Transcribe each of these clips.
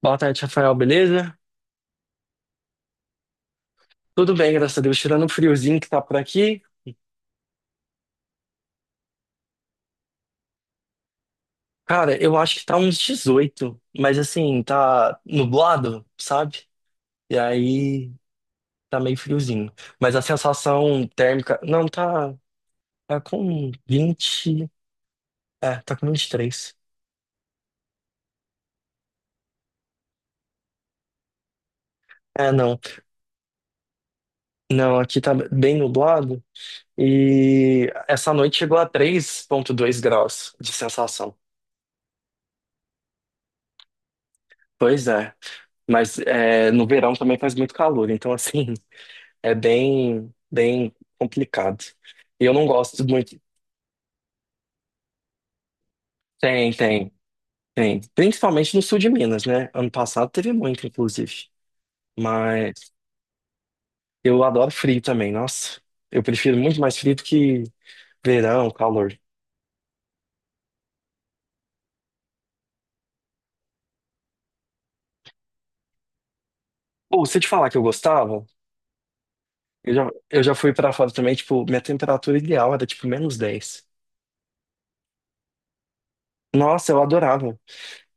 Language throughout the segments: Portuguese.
Boa tarde, Rafael, beleza? Tudo bem, graças a Deus. Tirando o friozinho que tá por aqui. Cara, eu acho que tá uns 18, mas assim, tá nublado, sabe? E aí tá meio friozinho. Mas a sensação térmica. Não, tá com 20. É, tá com 23. É, não. Não, aqui tá bem nublado. E essa noite chegou a 3,2 graus de sensação. Pois é. Mas é, no verão também faz muito calor, então assim. É bem, bem complicado. E eu não gosto muito. Tem, tem, tem. Principalmente no sul de Minas, né? Ano passado teve muito, inclusive. Mas eu adoro frio também, nossa. Eu prefiro muito mais frio do que verão, calor. Ou se eu te falar que eu gostava, eu já fui pra fora também, tipo, minha temperatura ideal era tipo -10. Nossa, eu adorava.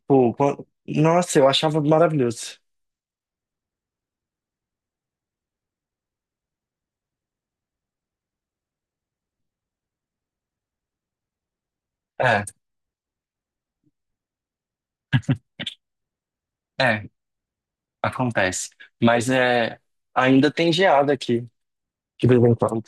Tipo, nossa, eu achava maravilhoso. É, é, acontece. Mas é, ainda tem geada aqui, de vez em quando.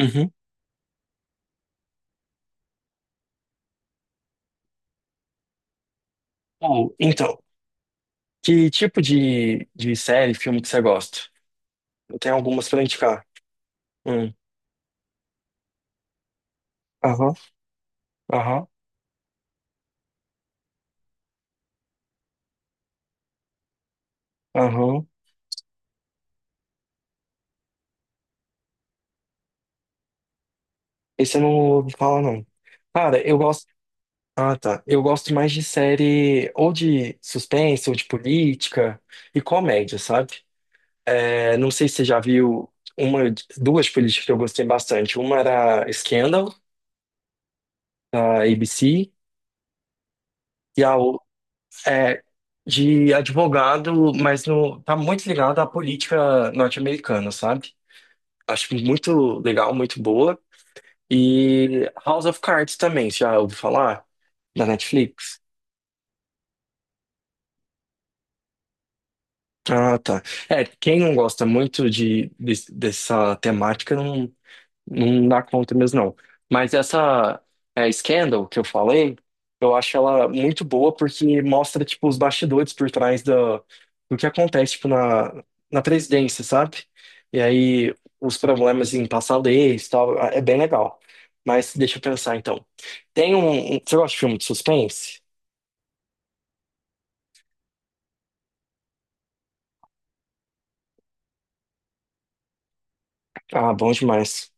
Uhum. Ou, então, que tipo de série, filme que você gosta? Eu tenho algumas pra indicar. Hum. Aham, aham, aham. Esse eu não ouvi falar, não. Cara, eu gosto. Ah, tá. Eu gosto mais de série ou de suspense, ou de política e comédia, sabe? É, não sei se você já viu uma, duas políticas que eu gostei bastante. Uma era Scandal, da ABC, e a é de advogado, mas no, tá muito ligado à política norte-americana, sabe? Acho muito legal, muito boa. E House of Cards também, você já ouviu falar? Da Netflix? Ah, tá. É, quem não gosta muito dessa temática não, não dá conta mesmo, não. Mas essa é, Scandal que eu falei, eu acho ela muito boa porque mostra, tipo, os bastidores por trás do que acontece, tipo, na presidência, sabe? E aí, os problemas em passar leis e tal, é bem legal. Mas deixa eu pensar, então. Tem você gosta de filme de suspense? Ah, bom demais.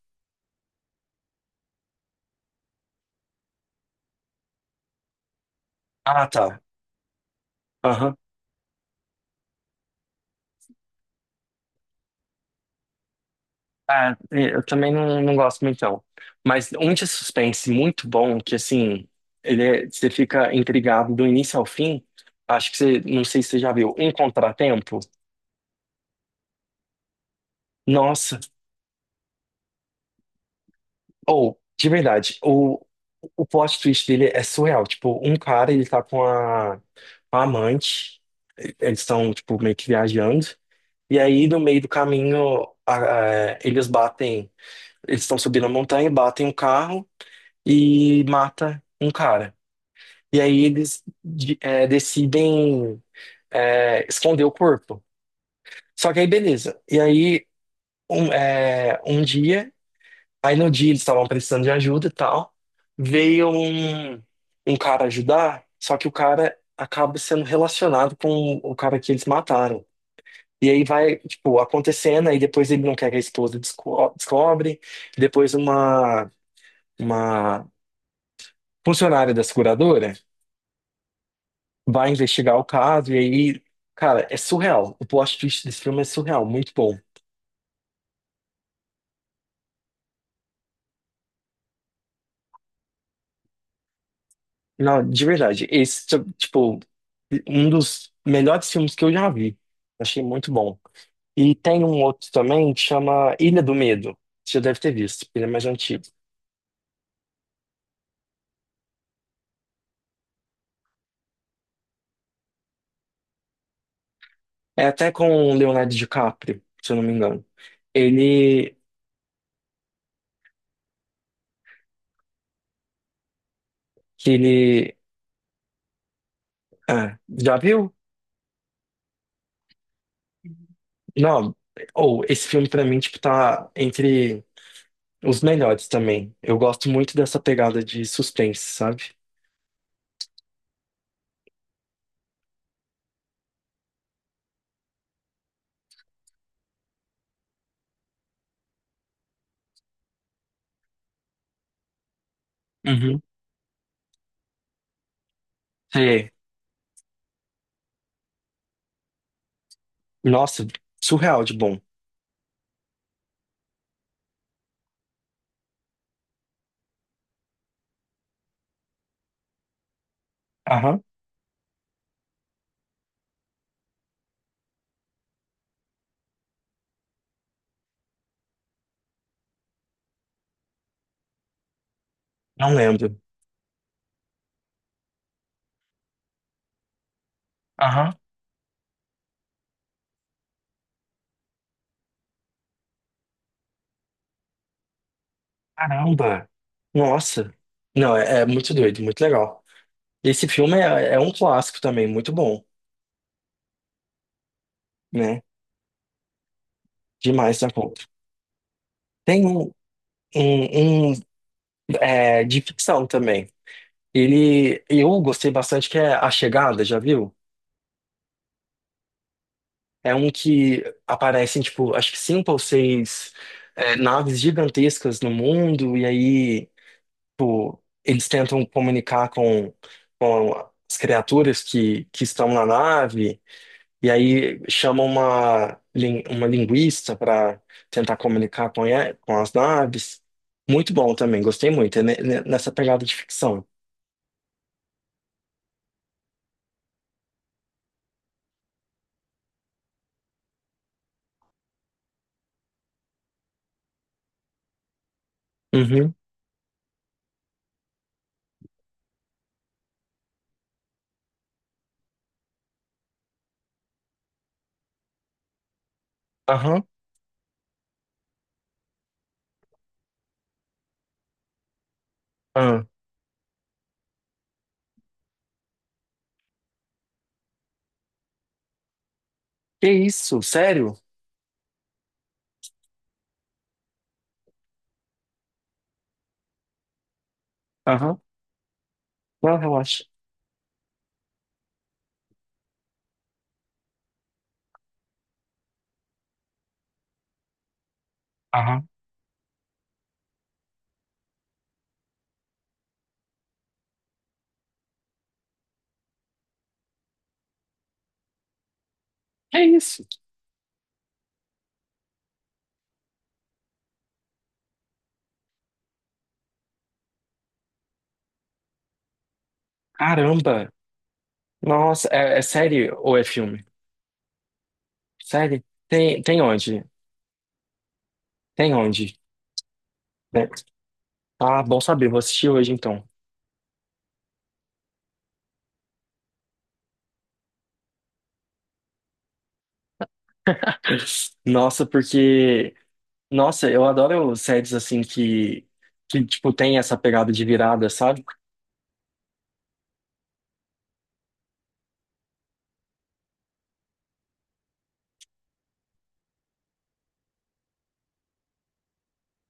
Ah, tá. Aham. Ah, é, eu também não gosto muito, não. Mas um de suspense muito bom, que assim, você fica intrigado do início ao fim. Acho que você, não sei se você já viu, Um Contratempo. Nossa, ou, de verdade, o plot twist dele é surreal. Tipo, um cara, ele tá com a amante, eles estão, tipo, meio que viajando. E aí, no meio do caminho, eles batem, eles estão subindo a montanha, batem um carro e mata um cara. E aí eles decidem esconder o corpo. Só que aí beleza. E aí um dia, aí no dia eles estavam precisando de ajuda e tal, veio um cara ajudar, só que o cara acaba sendo relacionado com o cara que eles mataram. E aí vai, tipo, acontecendo, aí depois ele não quer que a esposa descobre, depois uma funcionária da seguradora vai investigar o caso e aí, cara, é surreal. O plot twist desse filme é surreal, muito bom. Não, de verdade, esse, tipo, um dos melhores filmes que eu já vi. Achei muito bom. E tem um outro também que chama Ilha do Medo. Você já deve ter visto, ele é mais antigo. É até com o Leonardo DiCaprio, se eu não me engano. Ele, que ele, ah, já viu? Não, ou esse filme pra mim, tipo, tá entre os melhores também. Eu gosto muito dessa pegada de suspense, sabe? Uhum. Sei. Nossa, surreal de bom. Aham. Não lembro. Aham. Caramba! Nossa! Não, é muito doido, muito legal. Esse filme é um clássico também, muito bom, né? Demais da conta. Tem um de ficção também. Ele, eu gostei bastante que é A Chegada, já viu? É um que aparecem, tipo, acho que cinco ou seis naves gigantescas no mundo, e aí, tipo, eles tentam comunicar com, com as criaturas que estão na nave, e aí chamam uma linguista para tentar comunicar com as naves. Muito bom também, gostei muito, é nessa pegada de ficção. Uhum, aham, aham. Que isso, sério? Aham. Não, relaxa. Aham. É isso. Caramba. Nossa, é série ou é filme? Série? Tem onde? Tem onde? Né? Ah, bom saber, vou assistir hoje então. Nossa, porque. Nossa, eu adoro séries assim que. Que, tipo, tem essa pegada de virada, sabe?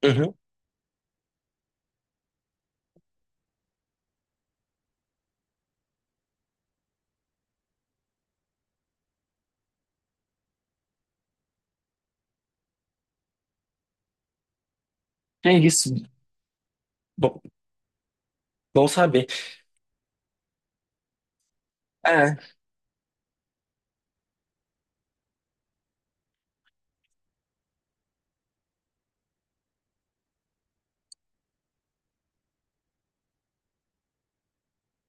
Uhum. É isso. Bom, bom saber. É,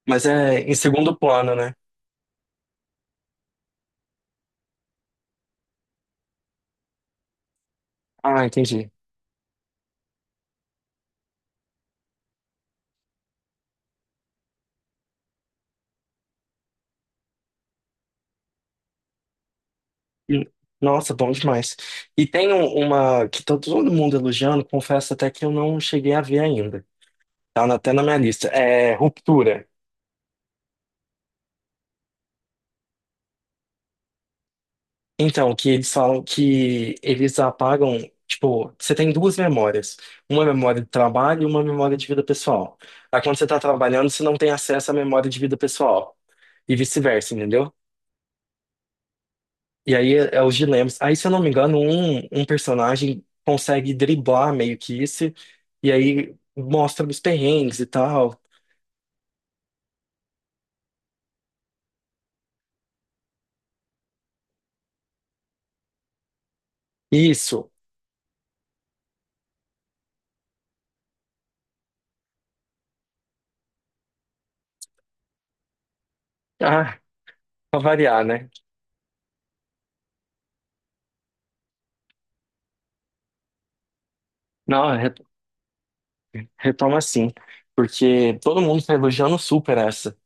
mas é em segundo plano, né? Ah, entendi. Hum, Nossa, bom demais. E tem uma que tá todo mundo elogiando, confesso até que eu não cheguei a ver ainda. Tá até na minha lista. É Ruptura. Então, que eles falam que eles apagam, tipo, você tem duas memórias. Uma memória de trabalho e uma memória de vida pessoal. Aí quando você tá trabalhando, você não tem acesso à memória de vida pessoal. E vice-versa, entendeu? E aí é os dilemas. Aí, se eu não me engano, um personagem consegue driblar meio que isso, e aí mostra os perrengues e tal. Isso. Ah, pra variar, né? Não, retoma assim, porque todo mundo tá elogiando super essa,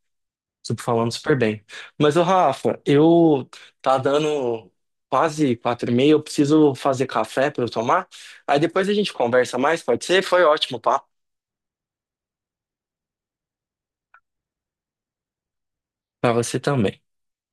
super falando super bem. Mas, o Rafa, eu tá dando quase 4h30, eu preciso fazer café pra eu tomar. Aí depois a gente conversa mais, pode ser? Foi ótimo, pá. Pra você também.